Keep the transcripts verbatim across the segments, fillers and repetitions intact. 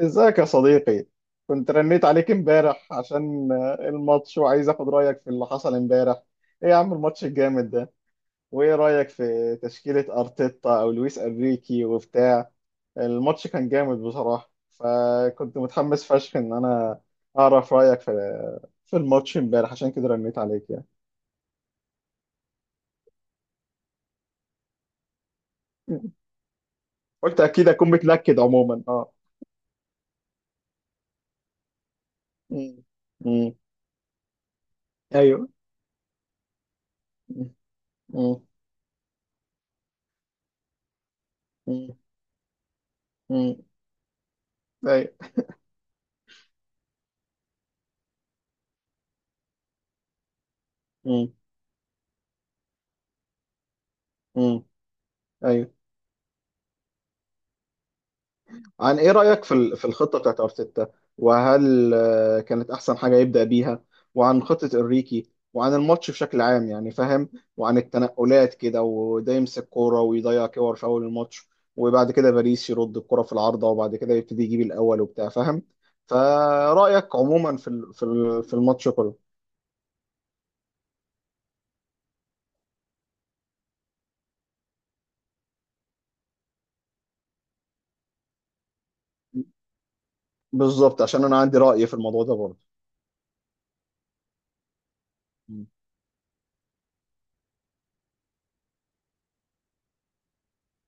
ازيك يا صديقي؟ كنت رنيت عليك امبارح عشان آه، الماتش، وعايز اخد رايك في اللي حصل امبارح. ايه يا عم الماتش الجامد ده؟ وايه رايك في تشكيلة ارتيتا او لويس انريكي وبتاع؟ الماتش كان جامد بصراحة، فكنت متحمس فشخ ان انا اعرف رايك في في الماتش امبارح، عشان كده رنيت عليك يعني. مم. قلت اكيد اكون متلكد عموما اه. مم. مم. ايوه. مم. مم. مم. مم. ايوه. مم. مم. ايوه. عن ايه رأيك في ال- في الخطة بتاعت ارتيتا، وهل آه، كانت احسن حاجة يبدأ بيها؟ وعن خطة انريكي، وعن الماتش بشكل عام، يعني فاهم؟ وعن التنقلات كده، وده يمسك كورة ويضيع كور في اول الماتش، وبعد كده باريس يرد الكرة في العارضة، وبعد كده يبتدي يجيب الاول وبتاع فاهم؟ فرأيك عموما في ال- في ال- في الماتش كله؟ بالظبط، عشان انا عندي رأي في الموضوع ده برضه. م-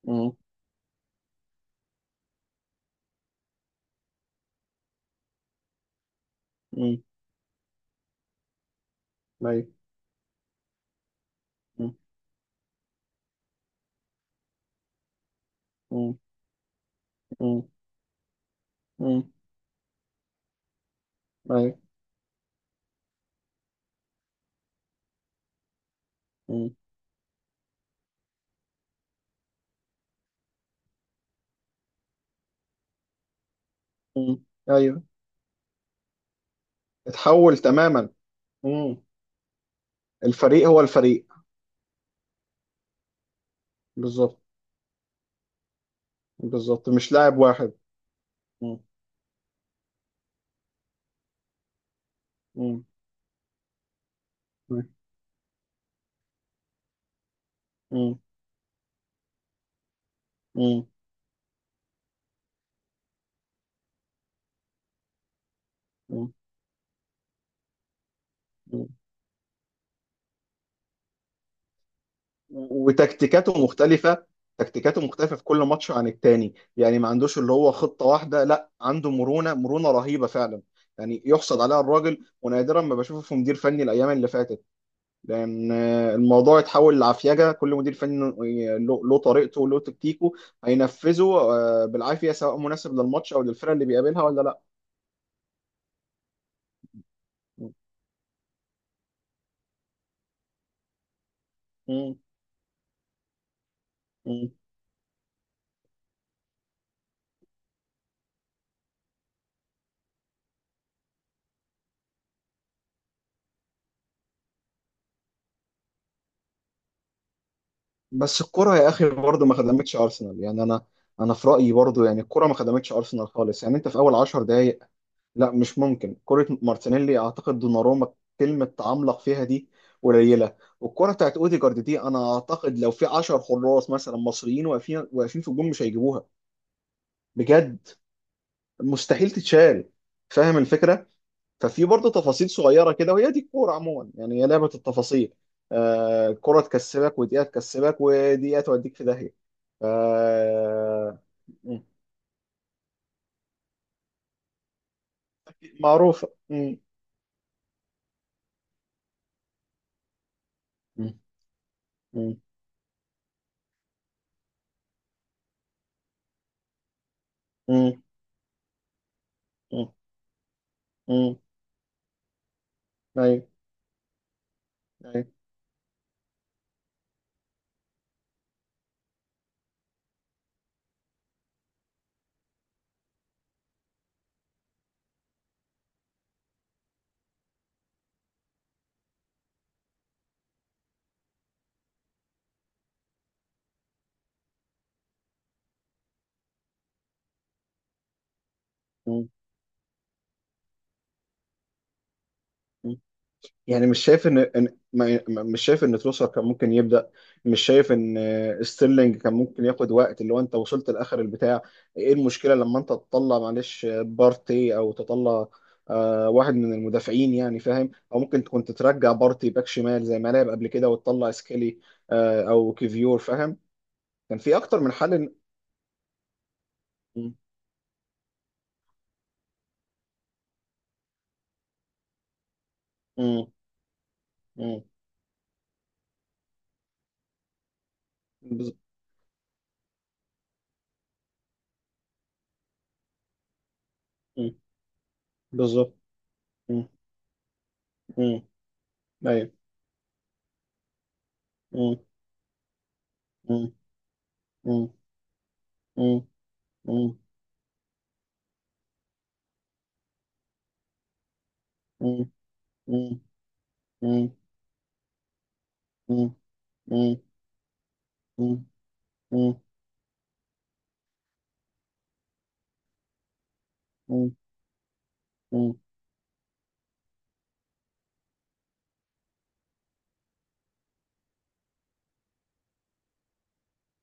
م- م- أيوه. م- م- م- م- أيوه. م- أيوه. اتحول تماما. مم. الفريق هو الفريق. بالظبط. بالظبط، مش لاعب واحد. مم. مم. مم. مم. مم. مم. وتكتيكاته مختلفة. تكتيكاته مختلفة في كل ماتش عن التاني، يعني ما عندوش اللي هو خطة واحدة، لا عنده مرونة مرونة رهيبة فعلا. يعني يحصد عليها الراجل، ونادرا ما بشوفه في مدير فني الأيام اللي فاتت، لان الموضوع اتحول لعفيجه. كل مدير فني له له طريقته وله تكتيكه، هينفذه آه، بالعافيه، سواء مناسب للماتش او للفرقه اللي بيقابلها ولا لا. مم. مم. بس الكره يا اخي برضه ما خدمتش ارسنال يعني. انا انا في رايي برضه، يعني الكره ما خدمتش ارسنال خالص، يعني انت في اول 10 دقائق، لا مش ممكن، كره مارتينيلي اعتقد دوناروما كلمه تعملق فيها دي قليله، والكره بتاعت اوديجارد دي انا اعتقد لو في 10 حراس مثلا مصريين واقفين واقفين في الجون مش هيجيبوها بجد، مستحيل تتشال، فاهم الفكره؟ ففي برضه تفاصيل صغيره كده، وهي دي الكوره عموما، يعني هي لعبه التفاصيل. آه الكوره تكسبك ودقيقه، تكسبك ودقيقه توديك في داهيه ف م- معروفه. م- م- م- م- م- م- ايوه، ايوه. يعني مش شايف ان إن- ما- ما- مش شايف ان تروسر كان ممكن يبدا؟ مش شايف ان آه، ستيرلينج كان ممكن ياخد وقت اللي هو انت وصلت لاخر البتاع؟ ايه المشكله لما انت تطلع معلش آه، بارتي او تطلع آه، واحد من المدافعين يعني فاهم؟ او ممكن كنت ترجع بارتي باك شمال زي ما لعب قبل كده وتطلع سكيلي، آه، او كيفيور فاهم. كان في اكتر من حل إن- م- م- م- بز- م- بالظبط. م- م- ايوه. م- م- م- م- م- مم. مم. مم. مم. مم. مم. مم. مم.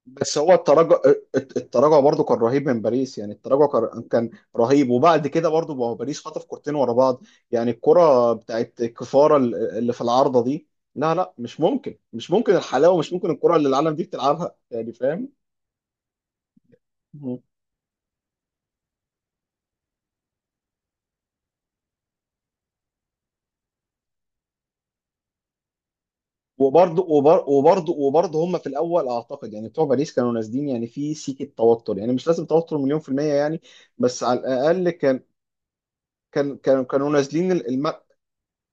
بس هو التراجع، الت- التراجع برضو كان رهيب من باريس، يعني التراجع كان كان رهيب. وبعد كده برضو، ما هو باريس خطف كورتين ورا بعض، يعني الكرة بتاعت كفارة ال- اللي في العارضة دي، لا لا مش ممكن، مش ممكن الحلاوة، مش ممكن الكرة اللي العالم دي بتلعبها يعني فاهم. مم. وبرضو وبر- وبرضو وبرضو هم في الاول اعتقد يعني بتوع باريس كانوا نازلين، يعني في سيكة توتر، يعني مش لازم توتر مليون في المية يعني، بس على الاقل كان كان كانوا نازلين الم-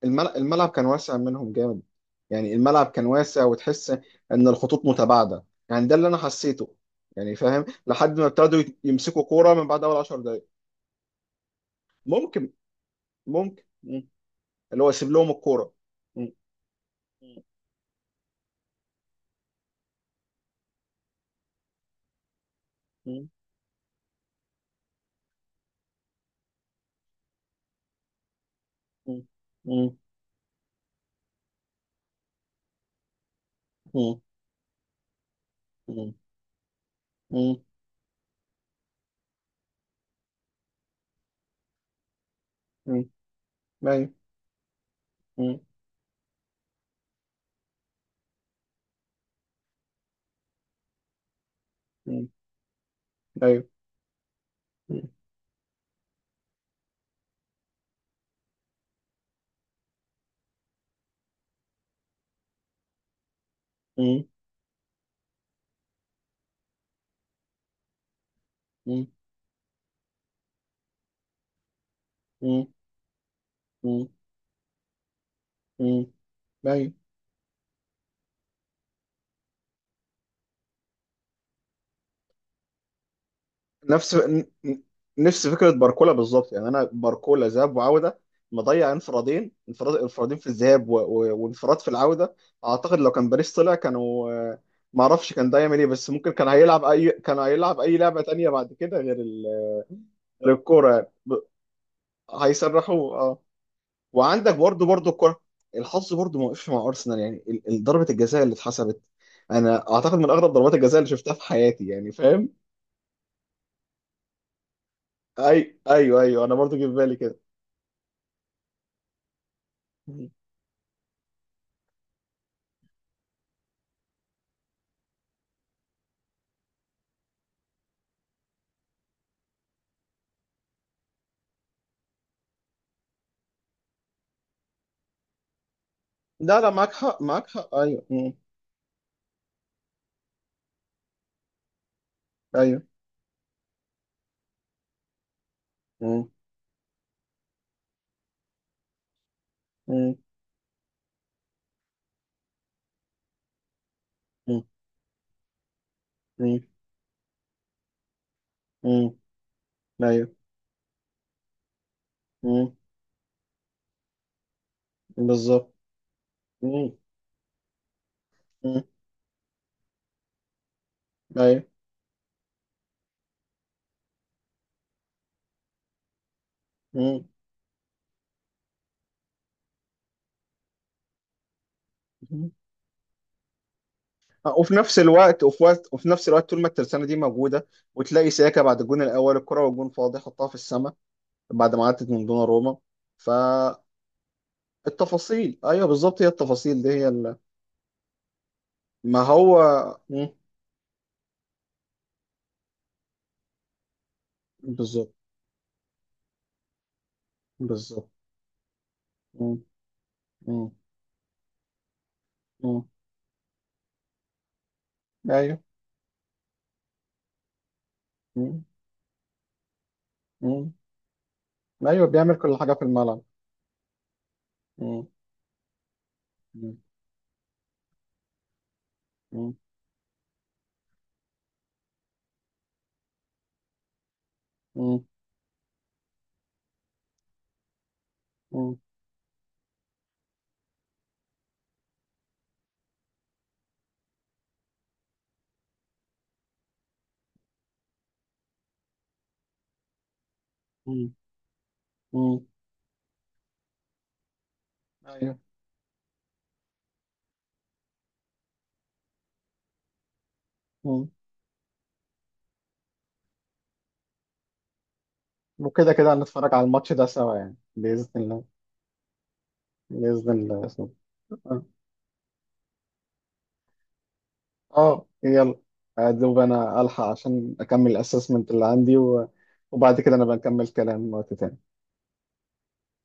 الم- الملعب كان واسع منهم جامد. يعني الملعب كان واسع وتحس ان الخطوط متباعده، يعني ده اللي انا حسيته، يعني فاهم؟ لحد ما ابتدوا يت- يمسكوا كوره من بعد اول 10 دقائق. ممكن. ممكن. مم. اللي هو يسيب لهم الكوره. مم. مم. مم. مم. مم. مم. مم. مم. ايوه. مم. مم. ايوه. مم. مم. مم. مم. مم. ايوه. نفس ن- نفس فكره باركولا بالظبط، يعني انا باركولا ذهاب وعوده مضيع انفرادين، انفراد انفرادين في الذهاب و- و- وانفراد في العوده. اعتقد لو كان باريس طلع كانوا، آه، ما اعرفش كان ده يعمل ايه، بس ممكن كان هيلعب اي، كان هيلعب اي لعبه تانية بعد كده غير ال... غير الكوره يعني. ب... هيسرحوا اه. وعندك برضو برضو الكوره، الحظ برضو ما وقفش مع ارسنال، يعني ال- ال- ضربه الجزاء اللي اتحسبت، انا اعتقد من اغرب ضربات الجزاء اللي شفتها في حياتي، يعني فاهم. اي ايوه، ايوه، انا برضو جه في بالي كده. لا لا معاك حق، معاك حق، ايوه. مم. ايوه. مم. مم. مم. مم. مم. ايوه. مم. بالظبط. مم. مم. ايوه. مم. مم. آه، وفي نفس الوقت، وفي وقت وفي نفس الوقت طول ما الترسانه دي موجوده، وتلاقي سياكا بعد الجون الاول، الكره والجون فاضي، حطها في السماء بعد ما عدت من دون روما. فالتفاصيل، ايوه بالظبط، هي التفاصيل دي هي اللي، ما هو. مم. بالظبط. بالظبط. مم. مم. مم. ايوه. مم. مم. ايوه. بيعمل كل حاجه في الملعب. مم. مم. مم. مم. مم. مم. مم. ايوه. مم. وكده كده هنتفرج على الماتش ده سوا، يعني باذن الله. باذن الله يا صاحبي. اه. آه، يلا. ادوب انا الحق عشان اكمل الاسسمنت اللي عندي و... وبعد كده نبقى نكمل كلام وقت تاني.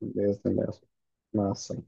باذن الله يا صاحبي. مع السلامه.